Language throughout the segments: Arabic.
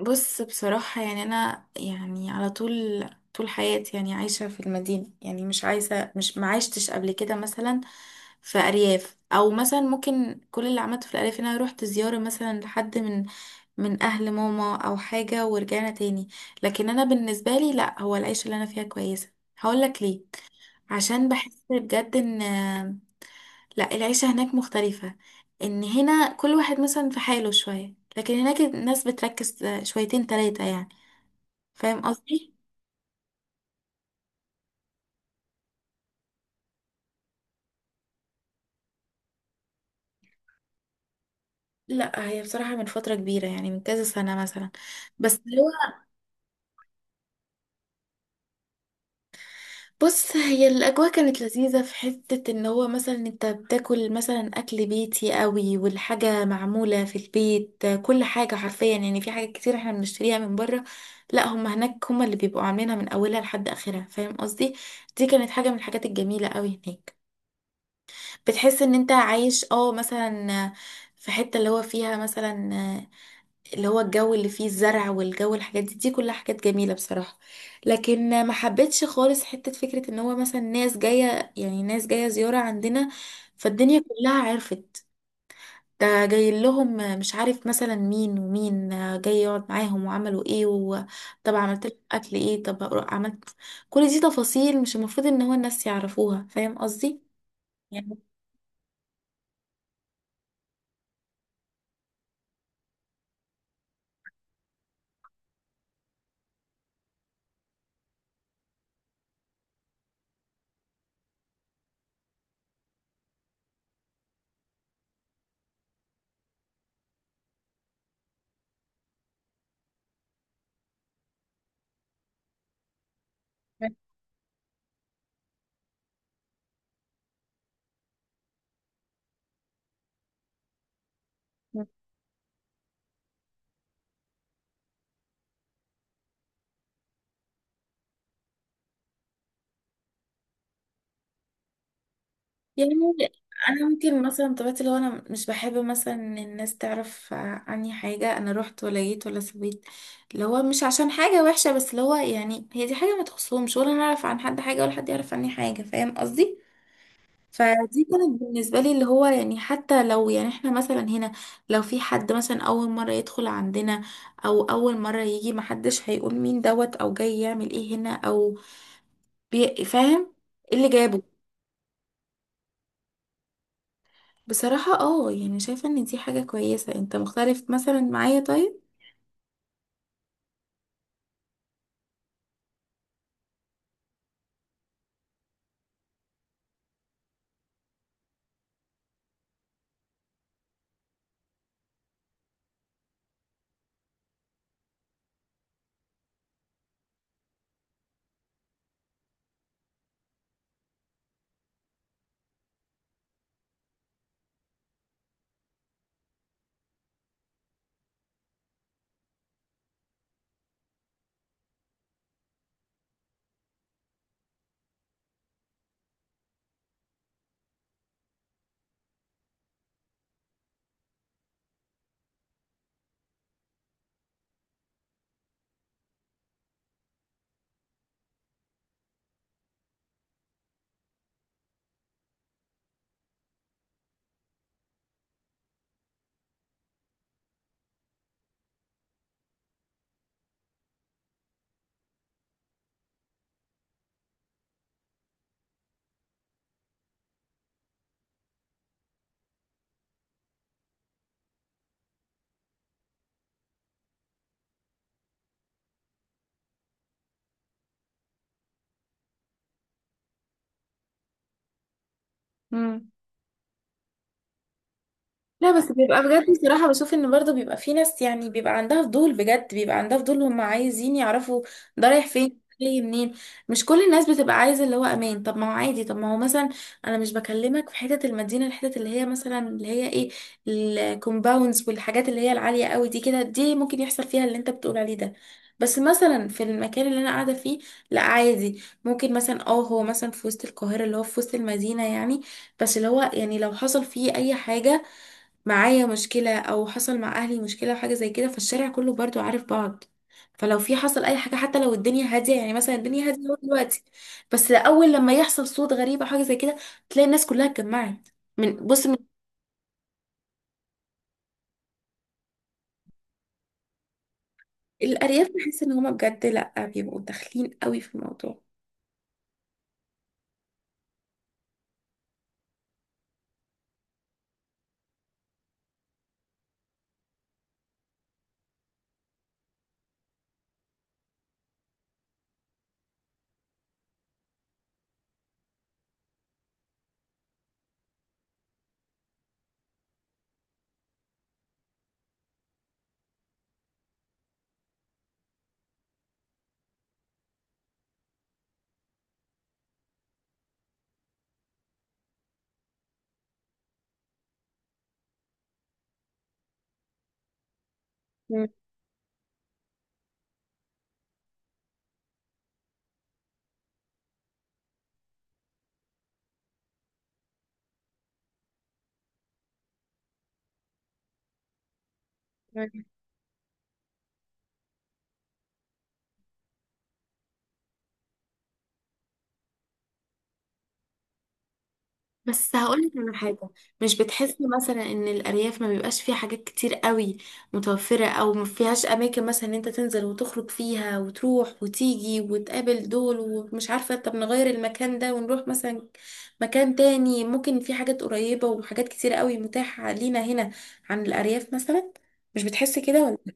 بص، بصراحة يعني أنا يعني على طول طول حياتي يعني عايشة في المدينة. يعني مش معيشتش قبل كده مثلا في أرياف، أو مثلا ممكن كل اللي عملته في الأرياف إن أنا روحت زيارة مثلا لحد من أهل ماما أو حاجة ورجعنا تاني. لكن أنا بالنسبة لي لأ، هو العيشة اللي أنا فيها كويسة. هقولك ليه. عشان بحس بجد إن لا العيشة هناك مختلفة، ان هنا كل واحد مثلا في حاله شوية، لكن هناك الناس بتركز شويتين تلاتة يعني. فاهم قصدي؟ لا هي بصراحة من فترة كبيرة يعني من كذا سنة مثلا. بس هو بص، هي الأجواء كانت لذيذة في حتة ان هو مثلا انت بتاكل مثلا أكل بيتي قوي، والحاجة معمولة في البيت كل حاجة حرفيا. يعني في حاجات كتير احنا بنشتريها من بره، لا هم هناك هم اللي بيبقوا عاملينها من أولها لحد آخرها. فاهم قصدي؟ دي كانت حاجة من الحاجات الجميلة قوي هناك. بتحس ان انت عايش مثلا في حتة اللي هو فيها، مثلا اللي هو الجو اللي فيه الزرع والجو، الحاجات دي كلها حاجات جميلة بصراحة. لكن ما حبيتش خالص حتة فكرة ان هو مثلا ناس جاية زيارة عندنا، فالدنيا كلها عرفت. ده جاي لهم، مش عارف مثلا مين ومين، جاي يقعد معاهم، وعملوا ايه، وطب عملت لك اكل ايه، طب عملت. كل دي تفاصيل مش المفروض ان هو الناس يعرفوها. فاهم قصدي؟ يعني يعني انا ممكن مثلا طبيعتي، لو انا مش بحب مثلا ان الناس تعرف عني حاجه، انا رحت ولا جيت ولا سويت، اللي هو مش عشان حاجه وحشه، بس اللي هو يعني هي دي حاجه ما تخصهمش، ولا انا اعرف عن حد حاجه ولا حد يعرف عني حاجه. فاهم قصدي؟ فدي كانت بالنسبه لي اللي هو يعني حتى لو يعني احنا مثلا هنا، لو في حد مثلا اول مره يدخل عندنا، او اول مره يجي، محدش هيقول مين دوت، او جاي يعمل ايه هنا، او فاهم، إيه اللي جابه. بصراحة اه يعني شايفة ان دي حاجة كويسة. انت مختلف مثلا معايا طيب. مم. لا بس بيبقى بجد بصراحة بشوف ان برضه بيبقى في ناس يعني بيبقى عندها فضول، بجد بيبقى عندها فضول، هم عايزين يعرفوا ده رايح فين جاي منين. مش كل الناس بتبقى عايزة اللي هو امان. طب ما هو عادي، طب ما هو مثلا انا مش بكلمك في حتة المدينة، الحتة اللي هي مثلا اللي هي ايه، الكومباوندز والحاجات اللي هي العالية قوي دي كده، دي ممكن يحصل فيها اللي انت بتقول عليه ده. بس مثلا في المكان اللي انا قاعدة فيه، لا عادي، ممكن مثلا اه، هو مثلا في وسط القاهرة، اللي هو في وسط المدينة يعني. بس اللي هو يعني لو حصل فيه اي حاجة، معايا مشكلة أو حصل مع أهلي مشكلة أو حاجة زي كده، فالشارع كله برضو عارف بعض. فلو في حصل أي حاجة، حتى لو الدنيا هادية، يعني مثلا الدنيا هادية أهو دلوقتي، بس أول لما يحصل صوت غريب أو حاجة زي كده، تلاقي الناس كلها اتجمعت من الأرياف. بحس إن هما بجد لأ بيبقوا داخلين قوي في الموضوع. بس هقولك على حاجة، مش بتحسي مثلا ان الأرياف ما بيبقاش فيها حاجات كتير قوي متوفرة، او ما فيهاش اماكن مثلا ان انت تنزل وتخرج فيها وتروح وتيجي وتقابل دول، ومش عارفة طب نغير المكان ده ونروح مثلا مكان تاني. ممكن في حاجات قريبة وحاجات كتير قوي متاحة لينا هنا عن الأرياف مثلا. مش بتحسي كده ولا؟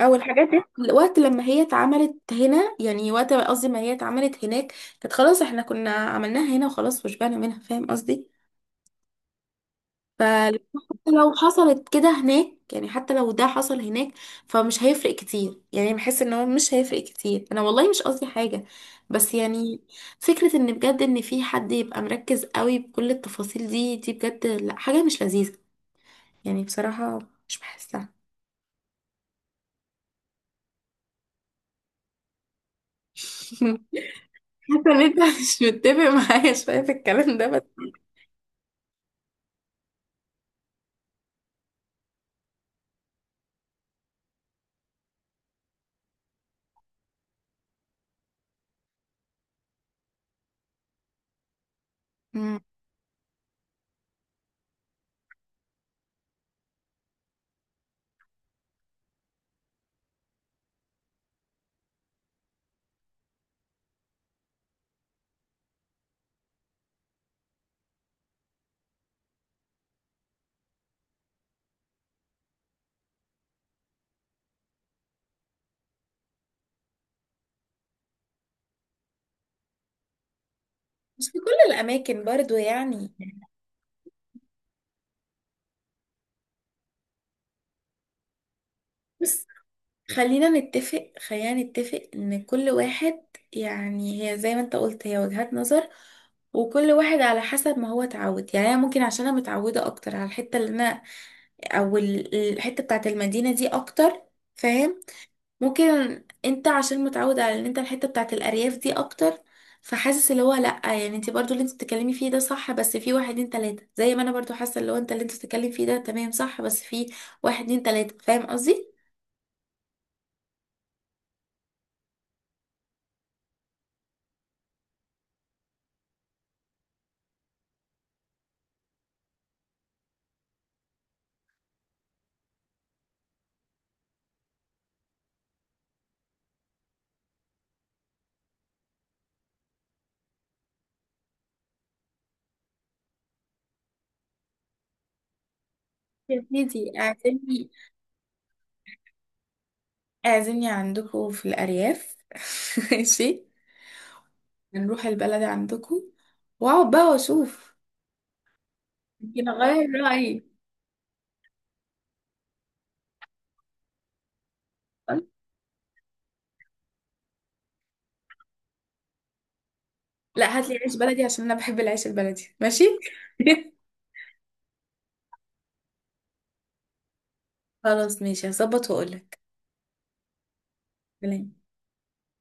او الحاجات دي الوقت لما هي اتعملت هنا، يعني وقت قصدي ما هي اتعملت هناك، كانت خلاص احنا كنا عملناها هنا وخلاص وشبعنا منها. فاهم قصدي؟ فلو حصلت كده هناك، يعني حتى لو ده حصل هناك فمش هيفرق كتير. يعني بحس ان هو مش هيفرق كتير. انا والله مش قصدي حاجة بس يعني، فكرة ان بجد ان في حد يبقى مركز قوي بكل التفاصيل دي، دي بجد لا، حاجة مش لذيذة يعني بصراحة، مش بحسها. حاسة ان انت مش متفق معايا شوية في الكلام ده بس. مم. مش في كل الأماكن برضو يعني. بس خلينا نتفق ان كل واحد، يعني هي زي ما انت قلت هي وجهات نظر، وكل واحد على حسب ما هو اتعود. يعني انا ممكن عشان انا متعوده اكتر على الحته اللي انا، او الحته بتاعت المدينه دي اكتر. فاهم؟ ممكن انت عشان متعود على ان انت الحته بتاعت الارياف دي اكتر، فحاسس اللي هو لا، يعني انت برضو اللي انت بتتكلمي فيه ده صح بس في واحد اتنين تلاته، زي ما انا برضو حاسه اللي هو انت اللي انت بتتكلم فيه ده تمام صح بس في واحد اتنين تلاته. فاهم قصدي؟ يا سيدي اعزمني، اعزمني عندكم في الأرياف. ماشي، نروح البلد عندكم، واقعد بقى واشوف. يمكن اغير رأيي. لا، هات لي عيش بلدي عشان انا بحب العيش البلدي. ماشي. خلاص، ماشي، هظبط واقول لك